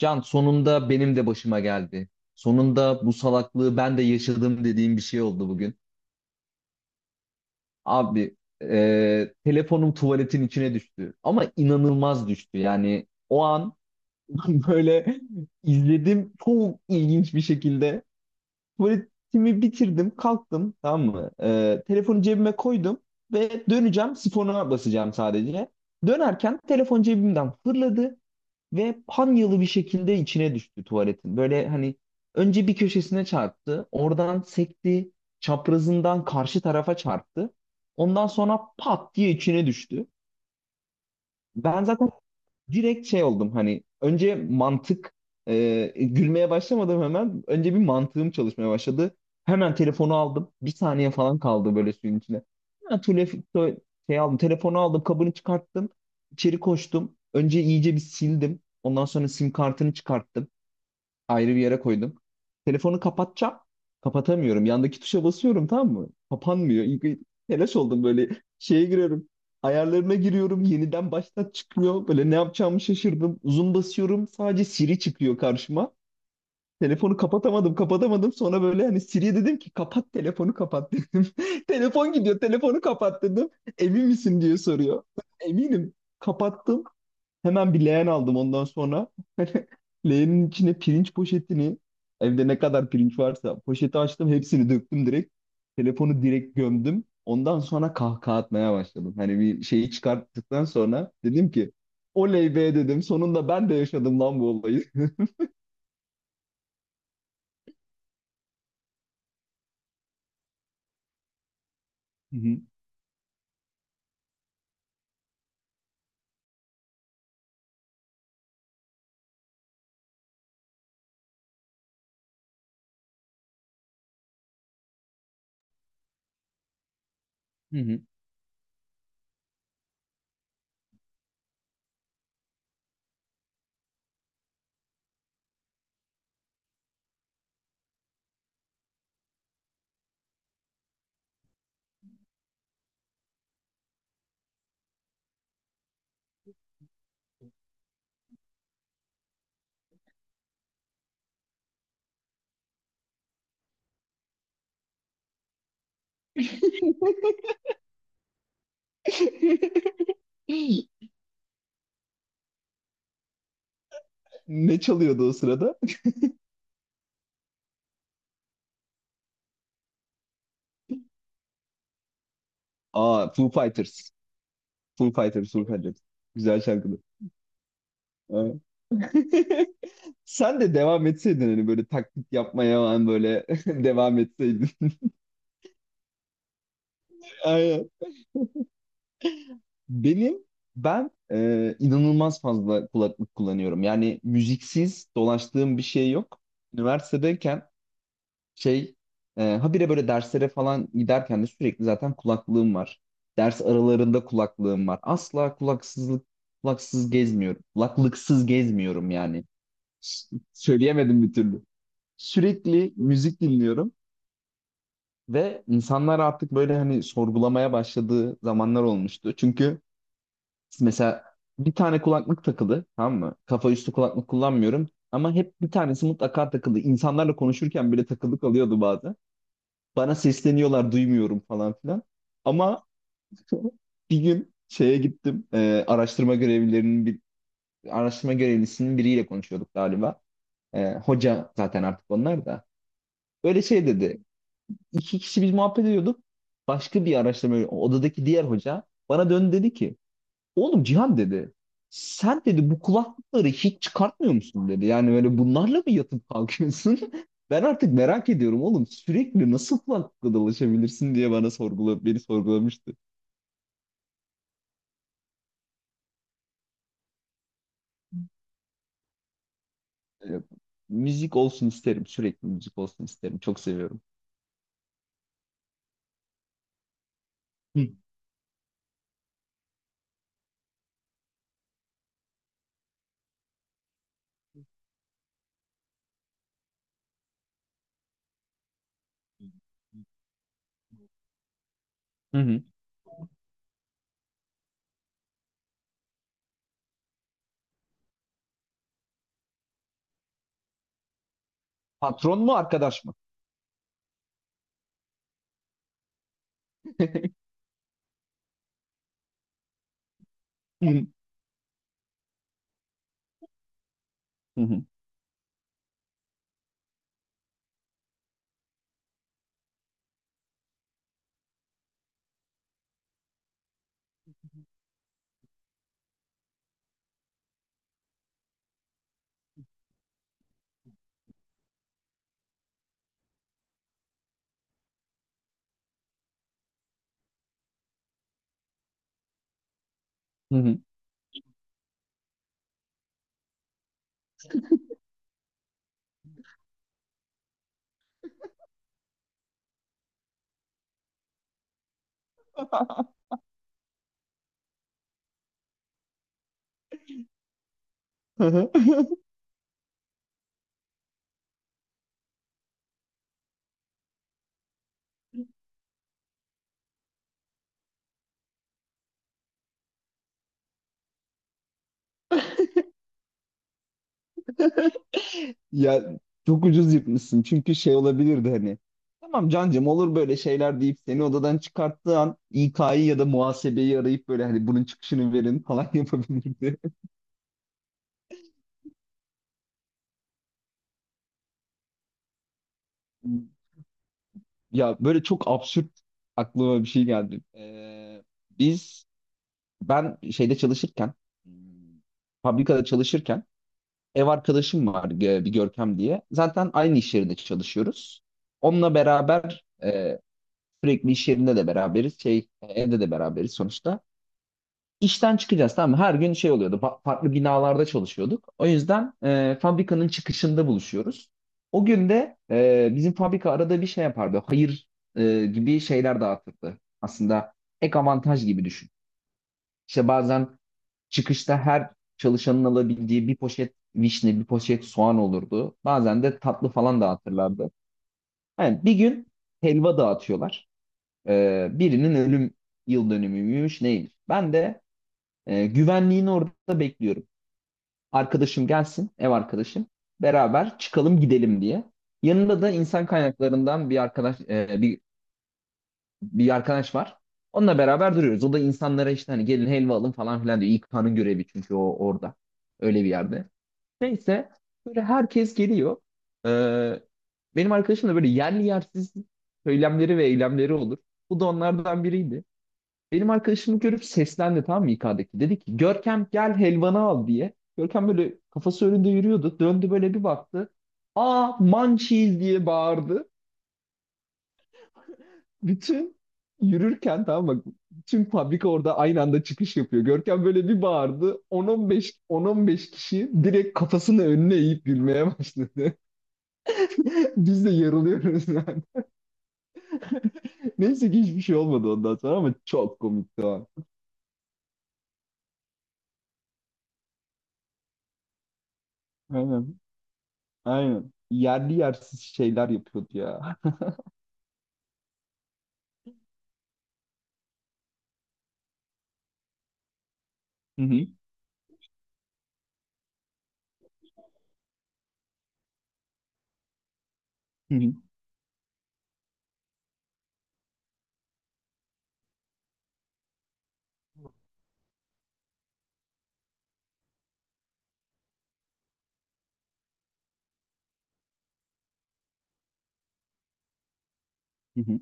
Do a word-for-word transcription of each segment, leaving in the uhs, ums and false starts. Can sonunda benim de başıma geldi. Sonunda bu salaklığı ben de yaşadım dediğim bir şey oldu bugün. Abi, e, telefonum tuvaletin içine düştü. Ama inanılmaz düştü. Yani o an böyle izledim, çok ilginç bir şekilde. Tuvaletimi bitirdim, kalktım, tamam mı? E, telefonu cebime koydum ve döneceğim, sifona basacağım sadece. Dönerken telefon cebimden fırladı. Ve panyalı bir şekilde içine düştü tuvaletin. Böyle hani önce bir köşesine çarptı. Oradan sekti. Çaprazından karşı tarafa çarptı. Ondan sonra pat diye içine düştü. Ben zaten direkt şey oldum hani önce mantık e, gülmeye başlamadım hemen, önce bir mantığım çalışmaya başladı. Hemen telefonu aldım. Bir saniye falan kaldı böyle suyun içine. Ha, tule- tule- şey aldım telefonu aldım, kabını çıkarttım. İçeri koştum. Önce iyice bir sildim. Ondan sonra sim kartını çıkarttım, ayrı bir yere koydum. Telefonu kapatacağım. Kapatamıyorum. Yandaki tuşa basıyorum, tamam mı? Kapanmıyor. İlk bir telaş oldum, böyle şeye giriyorum. Ayarlarına giriyorum. Yeniden baştan çıkmıyor. Böyle ne yapacağımı şaşırdım. Zoom basıyorum. Sadece Siri çıkıyor karşıma. Telefonu kapatamadım, kapatamadım. Sonra böyle hani Siri'ye dedim ki, kapat telefonu, kapat dedim. Telefon gidiyor, telefonu kapat dedim. Emin misin diye soruyor. Eminim. Kapattım. Hemen bir leğen aldım ondan sonra. Leğenin içine pirinç poşetini, evde ne kadar pirinç varsa poşeti açtım, hepsini döktüm direkt. Telefonu direkt gömdüm. Ondan sonra kahkaha atmaya başladım. Hani bir şeyi çıkarttıktan sonra dedim ki, oley be dedim. Sonunda ben de yaşadım lan bu olayı. Hı hı, hı hı. Ne çalıyordu o sırada? Aa, Foo Fighters. Foo Fighters, Foo Fighters. Güzel şarkıdır. Aa. Sen de devam etseydin hani, böyle taklit yapmaya falan, böyle devam etseydin. Aynen. Benim ben e, inanılmaz fazla kulaklık kullanıyorum. Yani müziksiz dolaştığım bir şey yok. Üniversitedeyken şey e, habire böyle derslere falan giderken de sürekli zaten kulaklığım var. Ders aralarında kulaklığım var. Asla kulaksızlık kulaksız gezmiyorum. Kulaklıksız gezmiyorum yani. S- Söyleyemedim bir türlü. Sürekli müzik dinliyorum ve insanlar artık böyle hani sorgulamaya başladığı zamanlar olmuştu. Çünkü mesela bir tane kulaklık takılı, tamam mı? Kafa üstü kulaklık kullanmıyorum ama hep bir tanesi mutlaka takılı. İnsanlarla konuşurken bile takılık alıyordu bazen. Bana sesleniyorlar, duymuyorum falan filan. Ama bir gün şeye gittim. E, araştırma görevlilerinin bir araştırma görevlisinin biriyle konuşuyorduk galiba. E, hoca zaten artık onlar da. Böyle şey dedi. İki kişi biz muhabbet ediyorduk. Başka bir araştırma odadaki diğer hoca bana döndü, dedi ki oğlum Cihan dedi. Sen dedi bu kulaklıkları hiç çıkartmıyor musun dedi. Yani böyle bunlarla mı yatıp kalkıyorsun? Ben artık merak ediyorum oğlum, sürekli nasıl kulaklıkla dolaşabilirsin diye bana sorgula beni sorgulamıştı. Ee, Müzik olsun isterim, sürekli müzik olsun isterim, çok seviyorum. Hı. Hı hı. Patron mu, arkadaş mı? Hı hı. Hı hı. Hı hı. Ya, çok ucuz yırtmışsın. Çünkü şey olabilirdi hani. Tamam cancım, olur böyle şeyler deyip seni odadan çıkarttığı an İK'yı ya da muhasebeyi arayıp böyle hani bunun çıkışını verin falan yapabilirdi. Ya böyle çok absürt aklıma bir şey geldi. Ee, biz Ben şeyde çalışırken, hmm, fabrikada çalışırken, ev arkadaşım var, e, bir Görkem diye. Zaten aynı iş yerinde çalışıyoruz. Onunla beraber e, sürekli iş yerinde de beraberiz. Şey, e, evde de beraberiz sonuçta. İşten çıkacağız, tamam mı? Her gün şey oluyordu. Fa- farklı binalarda çalışıyorduk. O yüzden e, fabrikanın çıkışında buluşuyoruz. O gün de e, bizim fabrika arada bir şey yapardı. Hayır, e, gibi şeyler dağıtırdı. Aslında ek avantaj gibi düşün. İşte bazen çıkışta her çalışanın alabildiği bir poşet vişne, bir poşet soğan olurdu. Bazen de tatlı falan dağıtırlardı. Yani bir gün helva dağıtıyorlar. E, birinin ölüm yıl dönümüymüş neymiş. Ben de e, güvenliğin orada bekliyorum. Arkadaşım gelsin, ev arkadaşım. Beraber çıkalım, gidelim diye. Yanında da insan kaynaklarından bir arkadaş, e, bir bir arkadaş var. Onunla beraber duruyoruz. O da insanlara işte hani gelin helva alın falan filan diyor. İK'nın görevi çünkü o orada. Öyle bir yerde. Neyse, böyle herkes geliyor. Ee, Benim arkadaşım da böyle yerli yersiz söylemleri ve eylemleri olur. Bu da onlardan biriydi. Benim arkadaşımı görüp seslendi, tamam mı, İK'daki? Dedi ki Görkem, gel helvanı al diye. Görkem böyle kafası önünde yürüyordu. Döndü, böyle bir baktı. Aa, mançiz diye bağırdı. Bütün yürürken, tamam mı? Bütün fabrika orada aynı anda çıkış yapıyor. Görkem böyle bir bağırdı. 10-15 10-15 kişi direkt kafasını önüne eğip gülmeye başladı. Biz de yarılıyoruz yani. Neyse ki hiçbir şey olmadı ondan sonra, ama çok komikti o an. Aynen. Aynen. Yerli yersiz şeyler yapıyordu ya. Hı hı. Hı hı. Hı hı.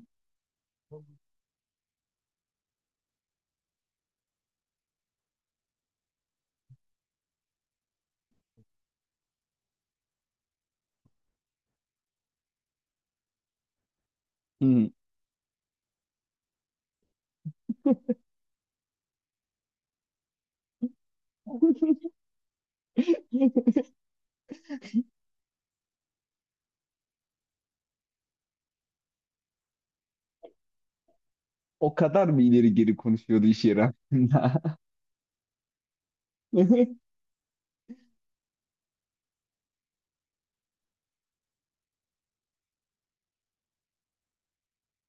Hı hı. O kadar mı ileri geri konuşuyordu iş yeri hakkında?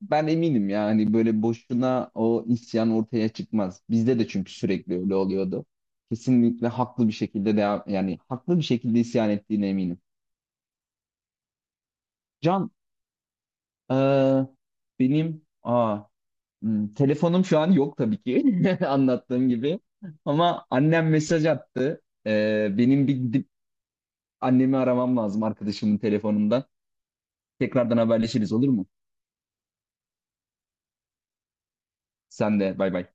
Ben eminim yani, böyle boşuna o isyan ortaya çıkmaz. Bizde de çünkü sürekli öyle oluyordu. Kesinlikle haklı bir şekilde devam, yani haklı bir şekilde isyan ettiğine eminim. Can, eee, benim, aa, hmm, telefonum şu an yok tabii ki, anlattığım gibi. Ama annem mesaj attı. Eee, benim bir gidip annemi aramam lazım, arkadaşımın telefonundan. Tekrardan haberleşiriz, olur mu? Sen de bay bay.